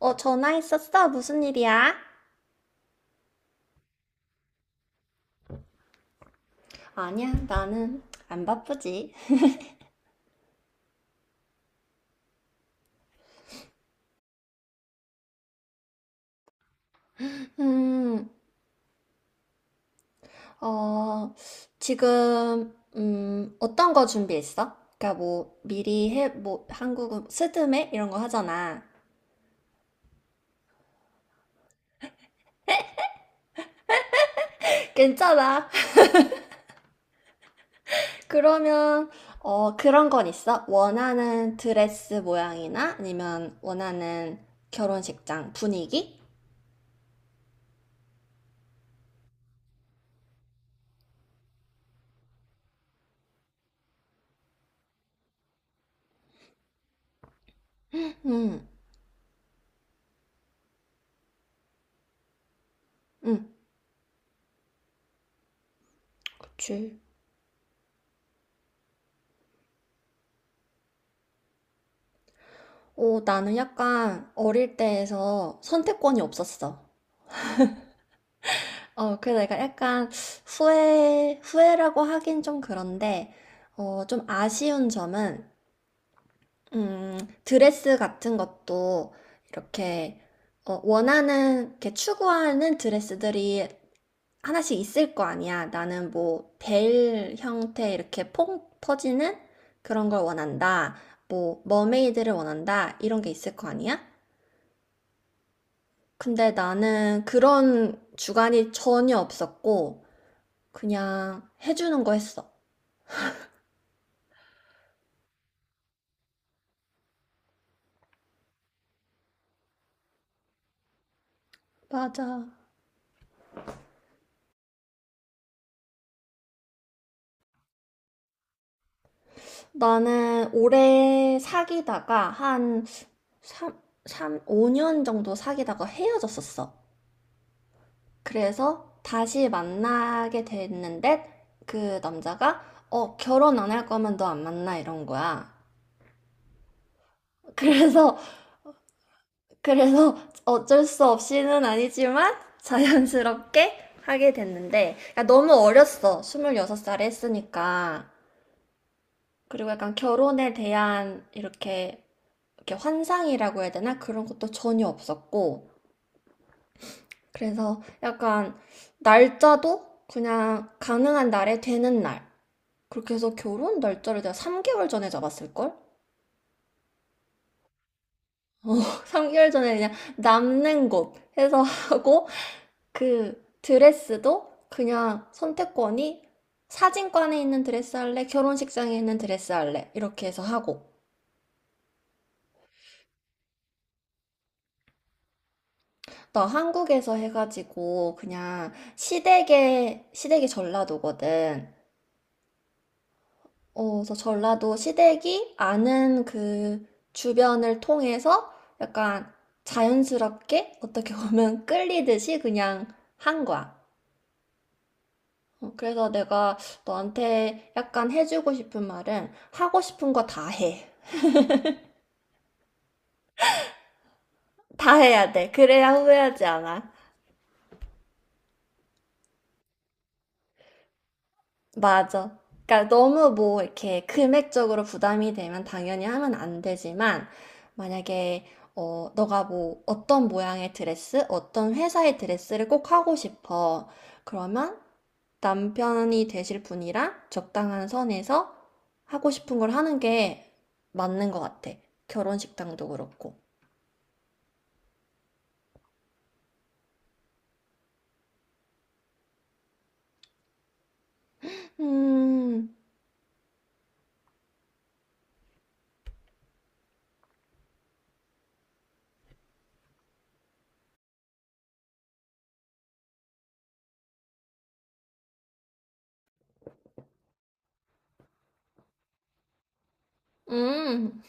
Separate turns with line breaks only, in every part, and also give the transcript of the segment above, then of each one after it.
어, 전화했었어? 무슨 일이야? 아니야, 나는 안 바쁘지. 음, 어, 지금, 어떤 거 준비했어? 그러니까 뭐, 미리 해, 뭐, 한국은 스드메? 이런 거 하잖아. 괜찮아. 그러면, 그런 건 있어? 원하는 드레스 모양이나 아니면 원하는 결혼식장 분위기? 음, 음, 그치. 오, 나는 약간 어릴 때에서 선택권이 없었어. 그래서 내가 약간 후회라고 하긴 좀 그런데, 좀 아쉬운 점은, 음, 드레스 같은 것도 이렇게, 원하는, 이렇게 추구하는 드레스들이 하나씩 있을 거 아니야. 나는 뭐, 벨 형태 이렇게 퐁 퍼지는 그런 걸 원한다. 뭐, 머메이드를 원한다. 이런 게 있을 거 아니야? 근데 나는 그런 주관이 전혀 없었고, 그냥 해주는 거 했어. 맞아. 나는 오래 사귀다가 한 3, 삼 5년 정도 사귀다가 헤어졌었어. 그래서 다시 만나게 됐는데 그 남자가 결혼 안 할 거면 너 안 만나 이런 거야. 그래서 그래서 어쩔 수 없이는 아니지만 자연스럽게 하게 됐는데 그러니까 너무 어렸어. 26살에 했으니까. 그리고 약간 결혼에 대한 이렇게 환상이라고 해야 되나? 그런 것도 전혀 없었고. 그래서 약간 날짜도 그냥 가능한 날에 되는 날. 그렇게 해서 결혼 날짜를 내가 3개월 전에 잡았을걸? 3개월 전에 그냥 남는 곳 해서 하고, 그 드레스도 그냥 선택권이 사진관에 있는 드레스 할래, 결혼식장에 있는 드레스 할래, 이렇게 해서 하고. 나 한국에서 해가지고 그냥 시댁에 시댁이 전라도거든. 그래서 전라도 시댁이 아는 그 주변을 통해서 약간 자연스럽게 어떻게 보면 끌리듯이 그냥 한 거야. 그래서 내가 너한테 약간 해주고 싶은 말은 하고 싶은 거 다 해. 다 해야 돼. 그래야 후회하지 않아. 맞아. 그러니까 너무 뭐 이렇게 금액적으로 부담이 되면 당연히 하면 안 되지만 만약에 너가 뭐 어떤 모양의 드레스, 어떤 회사의 드레스를 꼭 하고 싶어. 그러면 남편이 되실 분이랑 적당한 선에서 하고 싶은 걸 하는 게 맞는 것 같아. 결혼식당도 그렇고. 음, 음,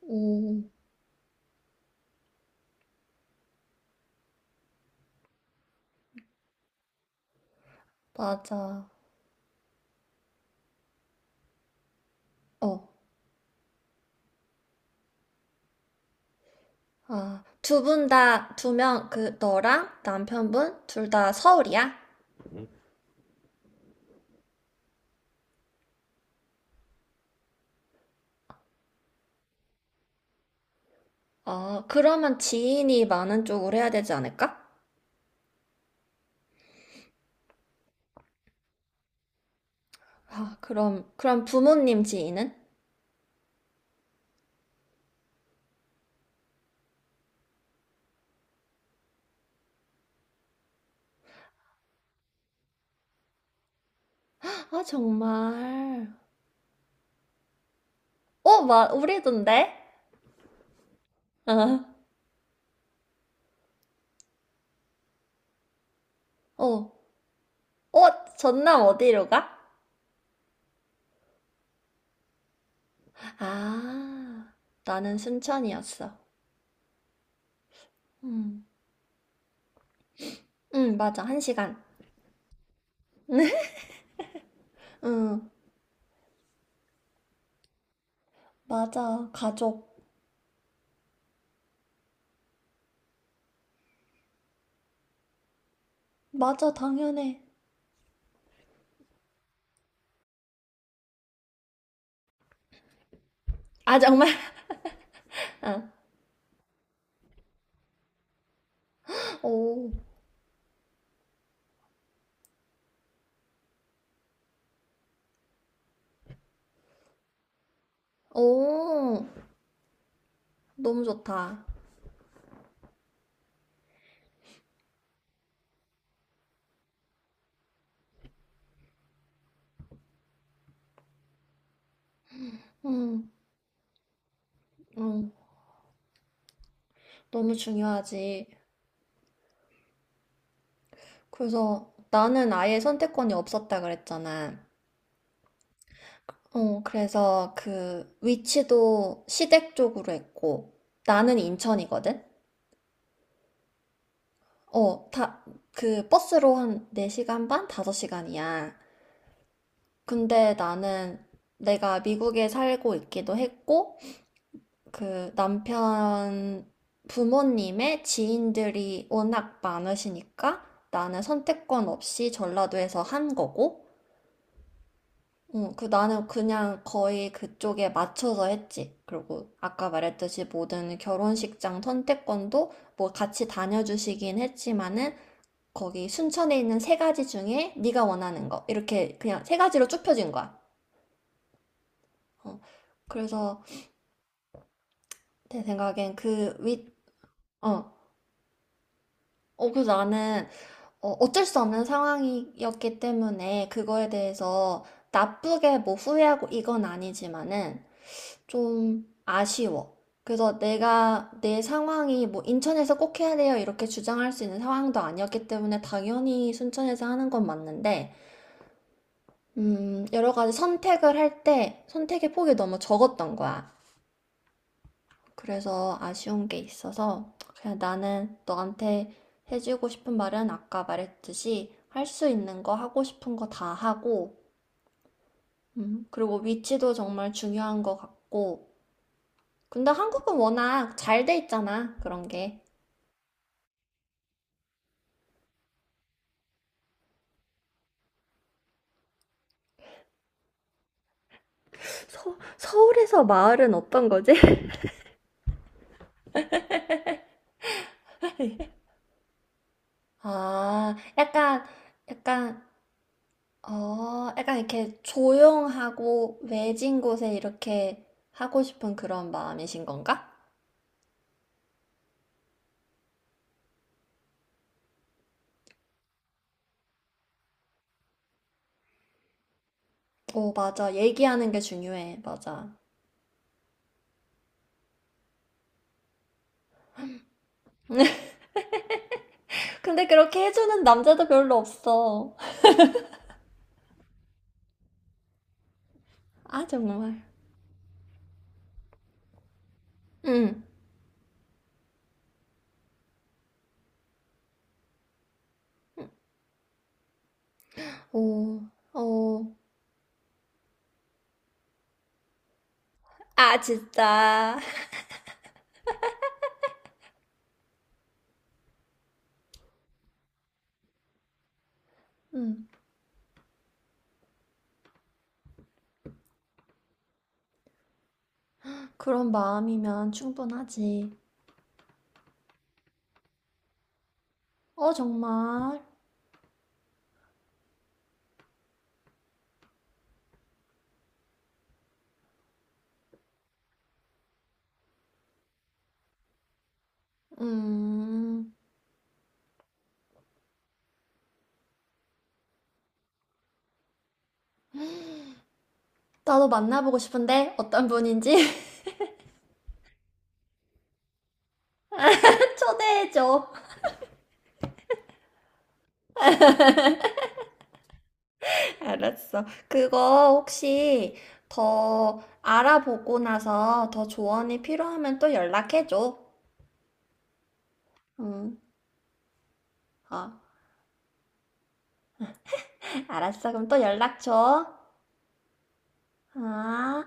오, 맞아. 어, 어, 두 명, 그, 너랑 남편분? 둘 다 서울이야? 응. 그러면 지인이 많은 쪽으로 해야 되지 않을까? 아, 그럼 부모님 지인은? 아, 정말. 막, 우리던데? 어, 어, 어, 전남 어디로 가? 아, 나는 순천이었어. 음, 맞아. 1시간. 응, 맞아. 가족. 맞아, 당연해. 아, 정말? 어. 오. 오, 너무 좋다. 음, 음, 너무 중요하지. 그래서 나는 아예 선택권이 없었다 그랬잖아. 그래서 그 위치도 시댁 쪽으로 했고, 나는 인천이거든? 다, 그 버스로 한 4시간 반? 5시간이야. 근데 나는 내가 미국에 살고 있기도 했고, 그 남편 부모님의 지인들이 워낙 많으시니까 나는 선택권 없이 전라도에서 한 거고, 응, 그 나는 그냥 거의 그쪽에 맞춰서 했지. 그리고 아까 말했듯이 모든 결혼식장 선택권도 뭐 같이 다녀주시긴 했지만은 거기 순천에 있는 세 가지 중에 네가 원하는 거 이렇게 그냥 세 가지로 쭉 펴진 거야. 어, 그래서 내 생각엔 그 윗, 어, 어, 그래서 나는 어쩔 수 없는 상황이었기 때문에 그거에 대해서 나쁘게 뭐 후회하고 이건 아니지만은 좀 아쉬워. 그래서 내가 내 상황이 뭐 인천에서 꼭 해야 돼요 이렇게 주장할 수 있는 상황도 아니었기 때문에 당연히 순천에서 하는 건 맞는데, 여러 가지 선택을 할 때 선택의 폭이 너무 적었던 거야. 그래서 아쉬운 게 있어서 그냥 나는 너한테 해주고 싶은 말은 아까 말했듯이 할 수 있는 거 하고 싶은 거 다 하고 그리고 위치도 정말 중요한 것 같고 근데 한국은 워낙 잘 돼 있잖아 그런 게. 서울에서 마을은 어떤 거지? 아, 약간, 약간 이렇게 조용하고 외진 곳에 이렇게 하고 싶은 그런 마음이신 건가? 오, 맞아. 얘기하는 게 중요해. 맞아. 근데 그렇게 해주는 남자도 별로 없어. 아, 정말. 응. 오, 오. 아, 진짜. 응. 그런 마음이면 충분하지. 어, 정말. 음. 나도 만나보고 싶은데 어떤 분인지. 초대해줘. 알았어. 그거 혹시 더 알아보고 나서 더 조언이 필요하면 또 연락해줘. 응. 아. 알았어. 그럼 또 연락 줘. 아.